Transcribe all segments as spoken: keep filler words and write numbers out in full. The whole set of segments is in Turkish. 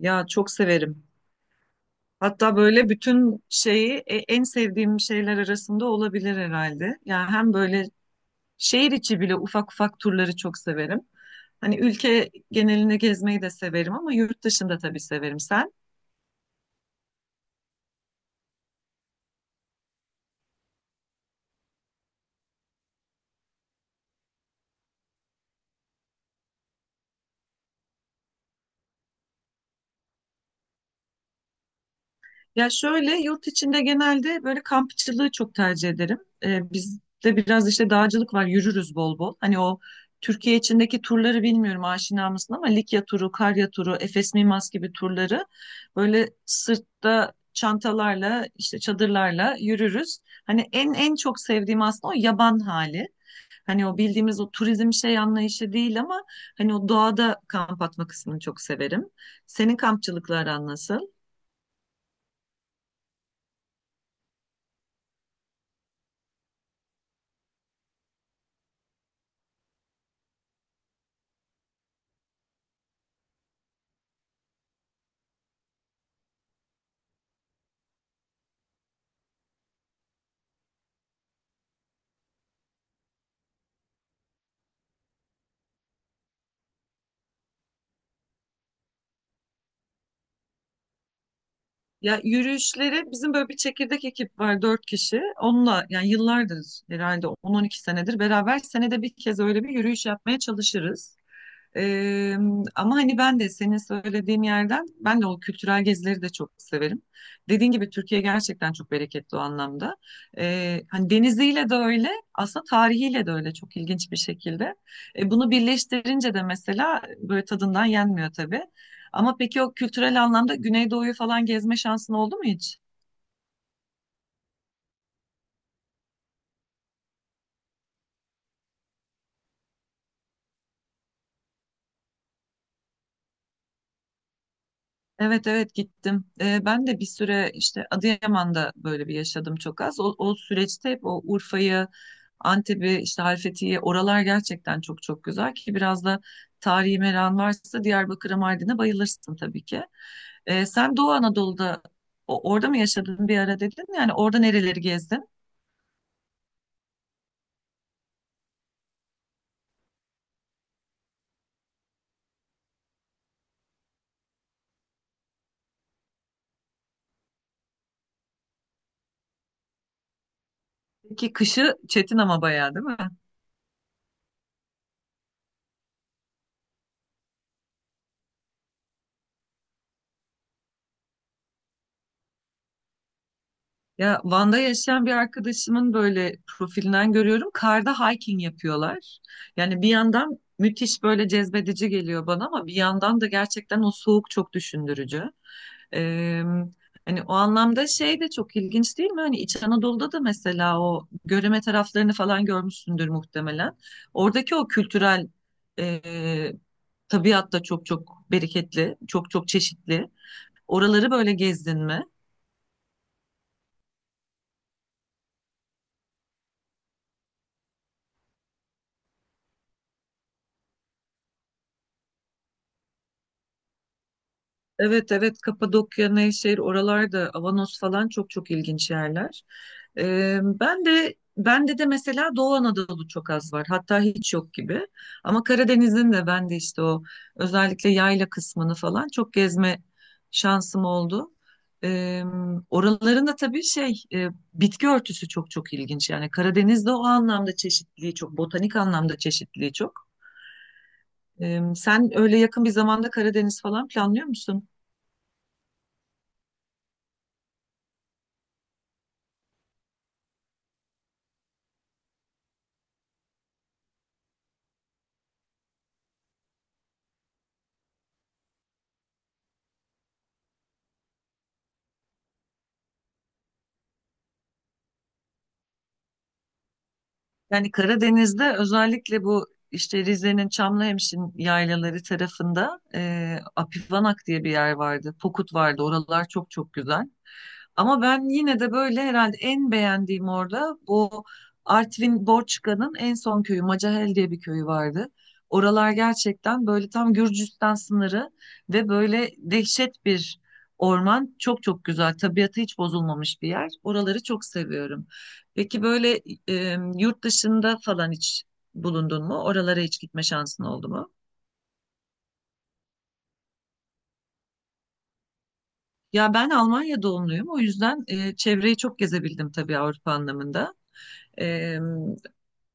Ya çok severim. Hatta böyle bütün şeyi e, en sevdiğim şeyler arasında olabilir herhalde. Yani hem böyle şehir içi bile ufak ufak turları çok severim. Hani ülke genelinde gezmeyi de severim ama yurt dışında tabii severim. Sen? Ya şöyle yurt içinde genelde böyle kampçılığı çok tercih ederim. Ee, bizde biraz işte dağcılık var, yürürüz bol bol. Hani o Türkiye içindeki turları bilmiyorum aşina mısın ama Likya turu, Karya turu, Efes Mimas gibi turları böyle sırtta çantalarla işte çadırlarla yürürüz. Hani en en çok sevdiğim aslında o yaban hali. Hani o bildiğimiz o turizm şey anlayışı değil ama hani o doğada kamp atma kısmını çok severim. Senin kampçılıkla aran nasıl? Ya yürüyüşleri bizim böyle bir çekirdek ekip var dört kişi. Onunla yani yıllardır herhalde on on iki senedir beraber senede bir kez öyle bir yürüyüş yapmaya çalışırız. Ee, Ama hani ben de senin söylediğin yerden ben de o kültürel gezileri de çok severim. Dediğin gibi Türkiye gerçekten çok bereketli o anlamda. Ee, hani deniziyle de öyle, aslında tarihiyle de öyle çok ilginç bir şekilde. E, bunu birleştirince de mesela böyle tadından yenmiyor tabii. Ama peki o kültürel anlamda Güneydoğu'yu falan gezme şansın oldu mu hiç? Evet, evet, gittim. Ee, ben de bir süre işte Adıyaman'da böyle bir yaşadım çok az. O, o süreçte hep o Urfa'yı, Antep'i, işte Halfeti'yi oralar gerçekten çok çok güzel ki biraz da tarihi meran varsa Diyarbakır'a, Mardin'e bayılırsın tabii ki. Ee, sen Doğu Anadolu'da o- orada mı yaşadın bir ara dedin? Yani orada nereleri gezdin? Ki kışı çetin ama bayağı değil mi? Ya Van'da yaşayan bir arkadaşımın böyle profilinden görüyorum. Karda hiking yapıyorlar. Yani bir yandan müthiş böyle cezbedici geliyor bana ama bir yandan da gerçekten o soğuk çok düşündürücü. Ee, Hani o anlamda şey de çok ilginç değil mi? Hani İç Anadolu'da da mesela o Göreme taraflarını falan görmüşsündür muhtemelen. Oradaki o kültürel e, tabiat da çok çok bereketli, çok çok çeşitli. Oraları böyle gezdin mi? Evet, evet, Kapadokya, Nevşehir oralarda Avanos falan çok çok ilginç yerler. Ee, ben de bende de mesela Doğu Anadolu çok az var. Hatta hiç yok gibi. Ama Karadeniz'in de ben de işte o özellikle yayla kısmını falan çok gezme şansım oldu. Ee, Oraların da tabii şey e, bitki örtüsü çok çok ilginç. Yani Karadeniz'de o anlamda çeşitliliği çok, botanik anlamda çeşitliliği çok. Ee, sen öyle yakın bir zamanda Karadeniz falan planlıyor musun? Yani Karadeniz'de özellikle bu işte Rize'nin Çamlıhemşin yaylaları tarafında e, Apivanak diye bir yer vardı. Pokut vardı. Oralar çok çok güzel. Ama ben yine de böyle herhalde en beğendiğim orada bu Artvin Borçka'nın en son köyü Macahel diye bir köyü vardı. Oralar gerçekten böyle tam Gürcistan sınırı ve böyle dehşet bir orman. Çok çok güzel. Tabiatı hiç bozulmamış bir yer. Oraları çok seviyorum. Peki böyle e, yurt dışında falan hiç bulundun mu? Oralara hiç gitme şansın oldu mu? Ya ben Almanya doğumluyum. O yüzden e, çevreyi çok gezebildim tabii Avrupa anlamında. E,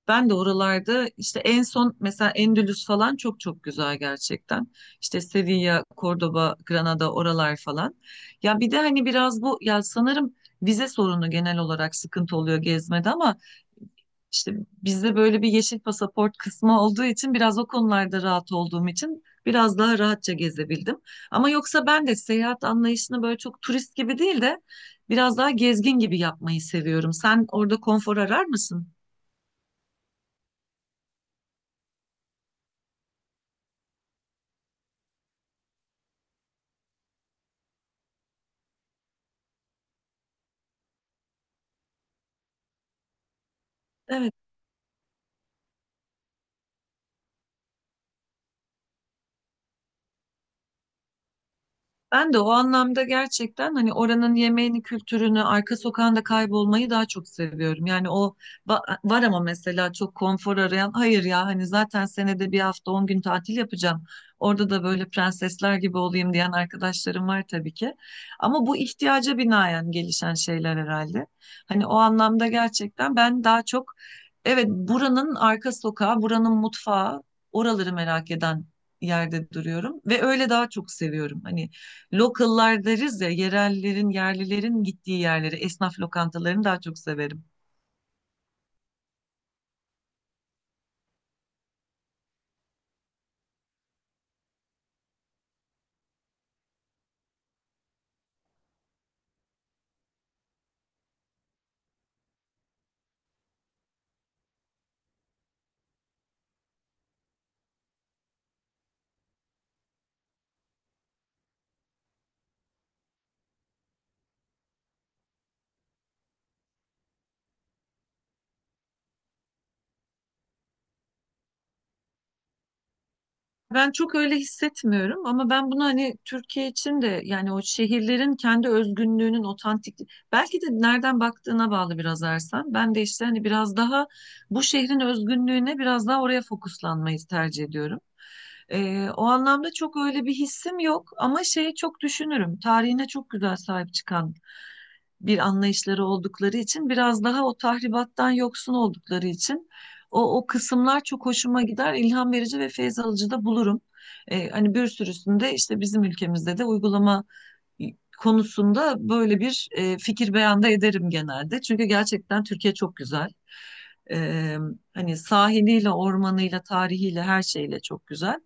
Ben de oralarda işte en son mesela Endülüs falan çok çok güzel gerçekten. İşte Sevilla, Cordoba, Granada oralar falan. Ya bir de hani biraz bu ya sanırım vize sorunu genel olarak sıkıntı oluyor gezmede ama İşte bizde böyle bir yeşil pasaport kısmı olduğu için biraz o konularda rahat olduğum için biraz daha rahatça gezebildim. Ama yoksa ben de seyahat anlayışını böyle çok turist gibi değil de biraz daha gezgin gibi yapmayı seviyorum. Sen orada konfor arar mısın? Evet. Ben de o anlamda gerçekten hani oranın yemeğini, kültürünü, arka sokağında kaybolmayı daha çok seviyorum. Yani o ba- var ama mesela çok konfor arayan, hayır ya hani zaten senede bir hafta on gün tatil yapacağım. Orada da böyle prensesler gibi olayım diyen arkadaşlarım var tabii ki. Ama bu ihtiyaca binaen gelişen şeyler herhalde. Hani o anlamda gerçekten ben daha çok evet buranın arka sokağı, buranın mutfağı, oraları merak eden yerde duruyorum ve öyle daha çok seviyorum. Hani Local'lar deriz ya, yerellerin, yerlilerin gittiği yerleri, esnaf lokantalarını daha çok severim. Ben çok öyle hissetmiyorum ama ben bunu hani Türkiye için de yani o şehirlerin kendi özgünlüğünün otantik belki de nereden baktığına bağlı biraz Ersen. Ben de işte hani biraz daha bu şehrin özgünlüğüne biraz daha oraya fokuslanmayı tercih ediyorum. Ee, o anlamda çok öyle bir hissim yok ama şeyi çok düşünürüm. Tarihine çok güzel sahip çıkan bir anlayışları oldukları için biraz daha o tahribattan yoksun oldukları için o, o kısımlar çok hoşuma gider. İlham verici ve feyz alıcı da bulurum. Ee, hani bir sürüsünde işte bizim ülkemizde de uygulama konusunda böyle bir e, fikir beyanda ederim genelde. Çünkü gerçekten Türkiye çok güzel. E, Hani sahiliyle, ormanıyla, tarihiyle, her şeyle çok güzel.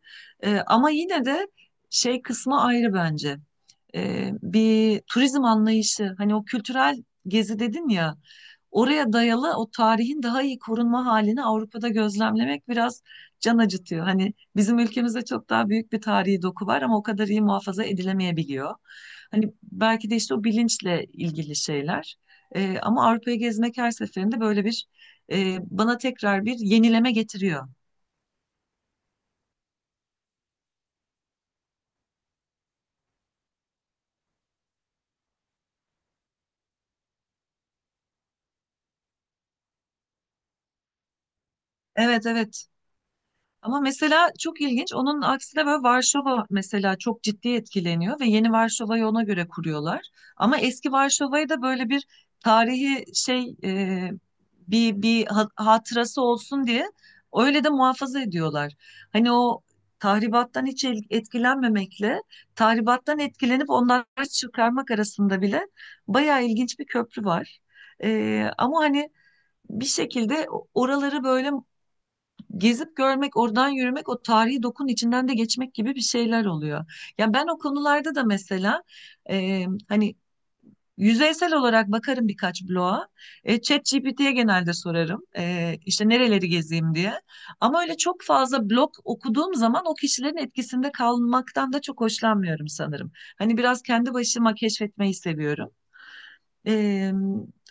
E, ama yine de şey kısmı ayrı bence. E, bir turizm anlayışı, hani o kültürel gezi dedin ya, oraya dayalı o tarihin daha iyi korunma halini Avrupa'da gözlemlemek biraz can acıtıyor. Hani bizim ülkemizde çok daha büyük bir tarihi doku var ama o kadar iyi muhafaza edilemeyebiliyor. Hani belki de işte o bilinçle ilgili şeyler. Ee, ama Avrupa'yı gezmek her seferinde böyle bir e, bana tekrar bir yenileme getiriyor. Evet, evet. Ama mesela çok ilginç. Onun aksine böyle Varşova mesela çok ciddi etkileniyor ve yeni Varşova'yı ona göre kuruyorlar. Ama eski Varşova'yı da böyle bir tarihi şey e, bir bir ha- hatırası olsun diye öyle de muhafaza ediyorlar. Hani o tahribattan hiç el- etkilenmemekle tahribattan etkilenip onları çıkarmak arasında bile bayağı ilginç bir köprü var. E, ama hani bir şekilde oraları böyle gezip görmek, oradan yürümek, o tarihi dokunun içinden de geçmek gibi bir şeyler oluyor. Yani ben o konularda da mesela e, hani yüzeysel olarak bakarım birkaç bloğa. E, ChatGPT'ye genelde sorarım. E, işte nereleri gezeyim diye. Ama öyle çok fazla blog okuduğum zaman o kişilerin etkisinde kalmaktan da çok hoşlanmıyorum sanırım. Hani biraz kendi başıma keşfetmeyi seviyorum. E,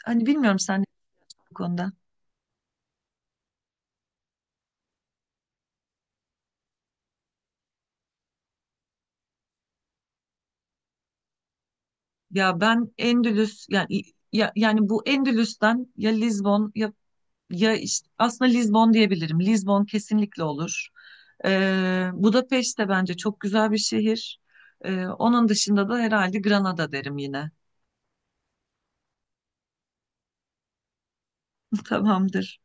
Hani bilmiyorum sen ne bu konuda. Ya ben Endülüs yani ya, yani bu Endülüs'ten ya Lizbon ya ya işte aslında Lizbon diyebilirim. Lizbon kesinlikle olur. Ee, Budapeşte de bence çok güzel bir şehir. Ee, onun dışında da herhalde Granada derim yine. Tamamdır.